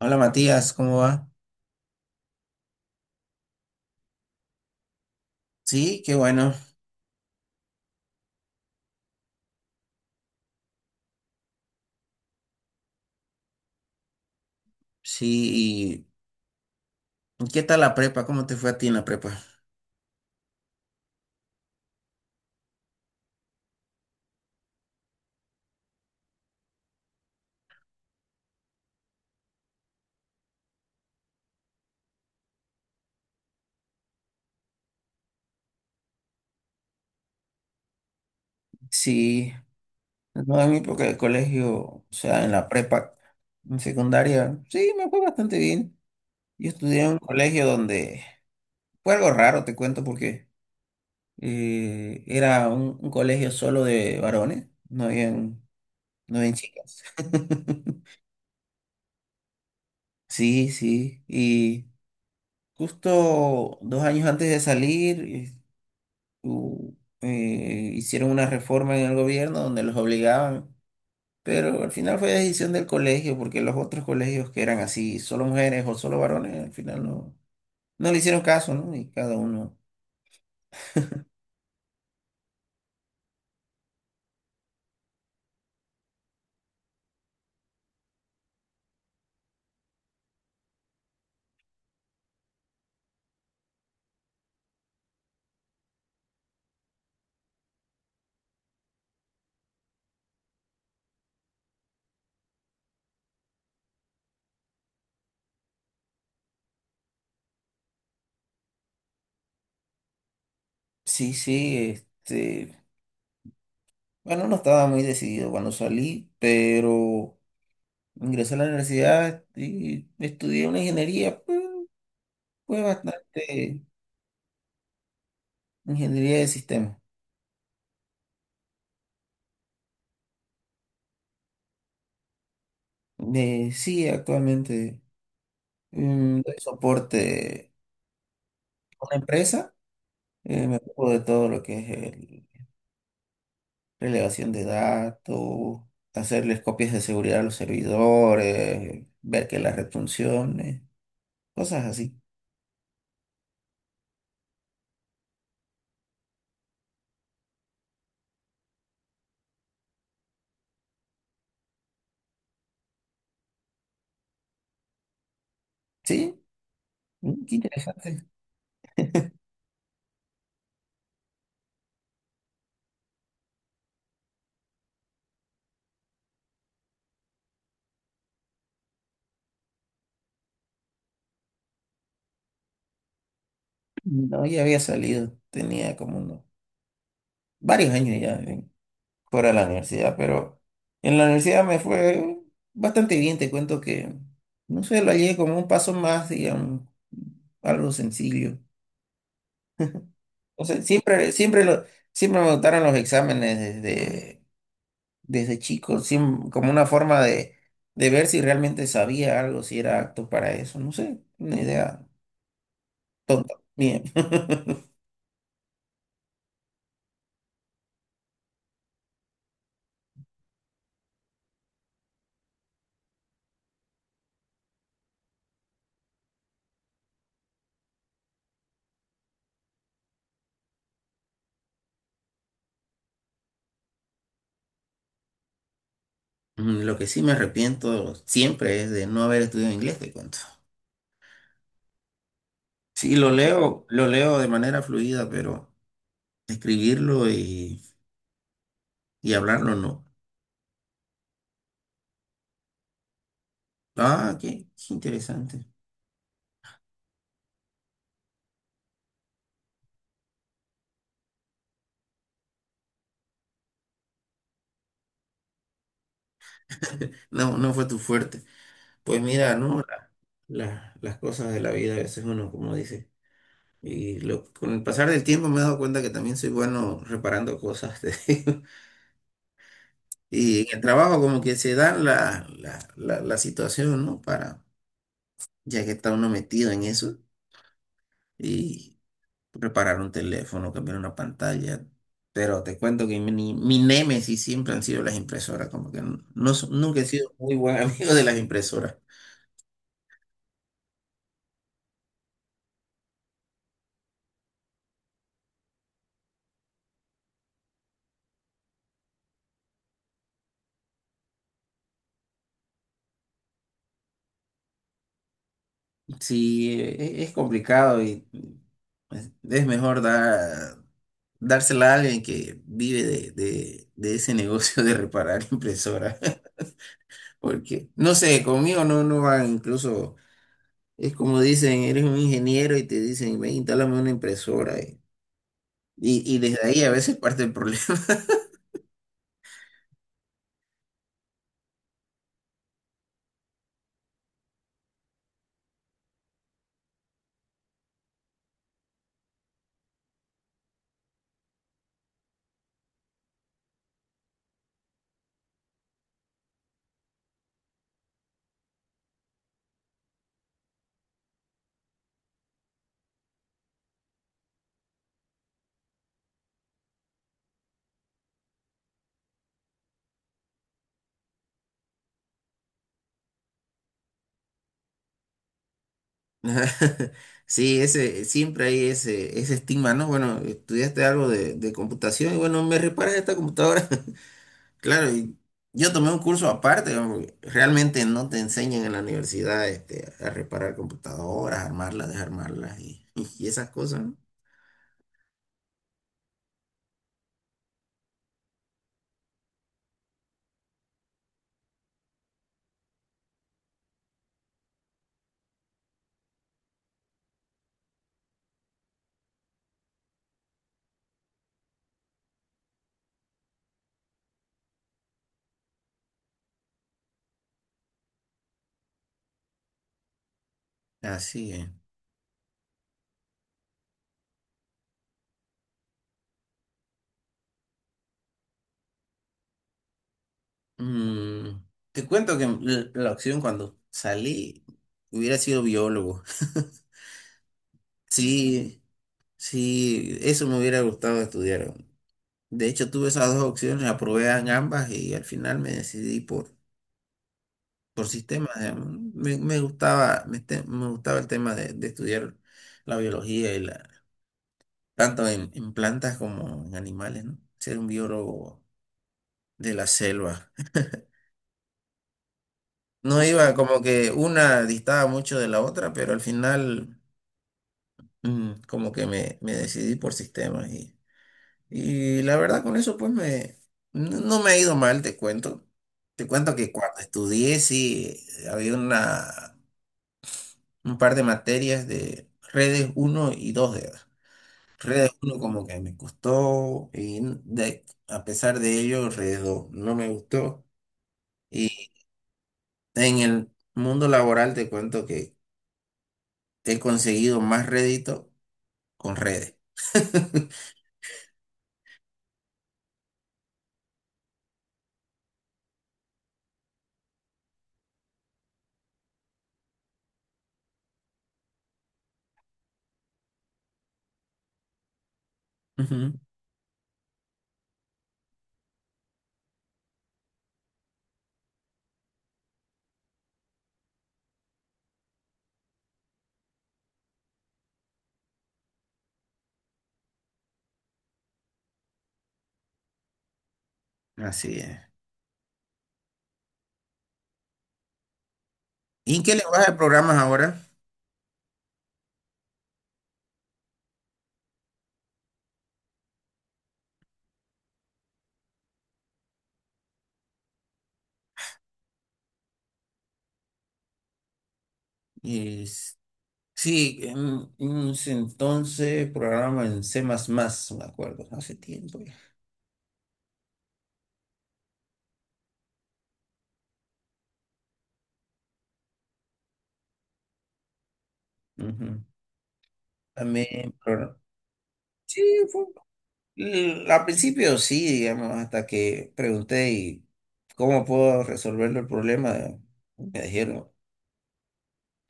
Hola Matías, ¿cómo va? Sí, qué bueno. Sí, ¿y qué tal la prepa? ¿Cómo te fue a ti en la prepa? Sí, no, en mi época de colegio, o sea, en la prepa, en secundaria, sí, me fue bastante bien. Yo estudié en un colegio donde fue algo raro, te cuento, porque era un colegio solo de varones, no habían chicas. Sí, sí, y justo 2 años antes de salir. u- Hicieron una reforma en el gobierno donde los obligaban, pero al final fue decisión del colegio, porque los otros colegios que eran así, solo mujeres o solo varones, al final no le hicieron caso, ¿no? Y cada uno, sí, sí, bueno, no estaba muy decidido cuando salí, pero ingresé a la universidad y estudié una ingeniería, pues, fue bastante ingeniería de sistemas. Sí, actualmente doy soporte a una empresa. Me ocupo de todo lo que es relevación de datos, hacerles copias de seguridad a los servidores, ver que las red funcione, cosas así. Sí, qué interesante. No, ya había salido, tenía como varios años ya fuera de la universidad, pero en la universidad me fue bastante bien. Te cuento que, no sé, lo hallé como un paso más, digamos, algo sencillo. O sea, siempre, siempre lo. Siempre me gustaron los exámenes desde chico, como una forma de ver si realmente sabía algo, si era apto para eso, no sé, una idea tonta. Bien. Lo que sí me arrepiento siempre es de no haber estudiado inglés, te cuento. Sí, lo leo de manera fluida, pero escribirlo y hablarlo no. Ah, qué interesante. No, no fue tu fuerte. Pues mira, no, las cosas de la vida a veces uno, como dice. Con el pasar del tiempo me he dado cuenta que también soy bueno reparando cosas, te digo. Y en el trabajo como que se da la situación, ¿no? Para, ya que está uno metido en eso, y reparar un teléfono, cambiar una pantalla. Pero te cuento que mi némesis siempre han sido las impresoras, como que no, nunca he sido muy buen amigo de las impresoras. Sí, es complicado y es mejor dar, dársela a alguien que vive de ese negocio de reparar impresoras. Porque, no sé, conmigo no, no van, incluso es como dicen, eres un ingeniero y te dicen, ven, instálame una impresora. Y desde ahí a veces parte el problema. Sí, siempre hay ese estigma, ¿no? Bueno, estudiaste algo de computación y bueno, me reparas esta computadora. Claro, y yo tomé un curso aparte, ¿no? Porque realmente no te enseñan en la universidad a reparar computadoras, armarlas, desarmarlas y esas cosas, ¿no? Así es. Mm, te cuento que la opción cuando salí hubiera sido biólogo. Sí, sí, eso me hubiera gustado estudiar. De hecho, tuve esas dos opciones, aprobé en ambas y al final me decidí por sistema. Me gustaba el tema de estudiar la biología tanto en plantas como en animales, ¿no? Ser un biólogo de la selva. No iba como que una distaba mucho de la otra, pero al final como que me decidí por sistemas y la verdad con eso pues no me ha ido mal, te cuento. Te cuento que cuando estudié sí había una un par de materias de redes uno y 2 de edad. Redes uno como que me costó a pesar de ello, redes 2 no me gustó. Y en el mundo laboral te cuento que he conseguido más rédito con redes. Ujú. Así es. ¿Y en qué lenguaje programas ahora? Es- sí, en ese entonces programa en C++, me acuerdo, hace tiempo ya. Ujú. También, pro- sí, al principio sí, digamos, hasta que pregunté y cómo puedo resolverlo el problema, me dijeron,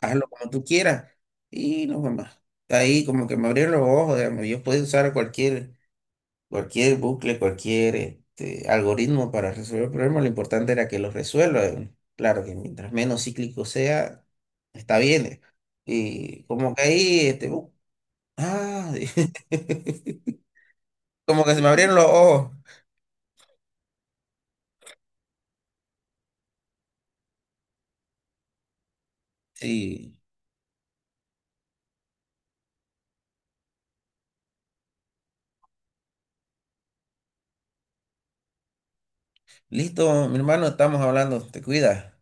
hazlo como tú quieras y no fue más. Ahí como que me abrieron los ojos, digamos, yo podía usar cualquier bucle, cualquier este, algoritmo para resolver el problema, lo importante era que lo resuelva, digamos. Claro que mientras menos cíclico sea, está bien. Y como que ahí, ah, como que se me abrieron los ojos. Sí. Listo, mi hermano, estamos hablando. Te cuidas.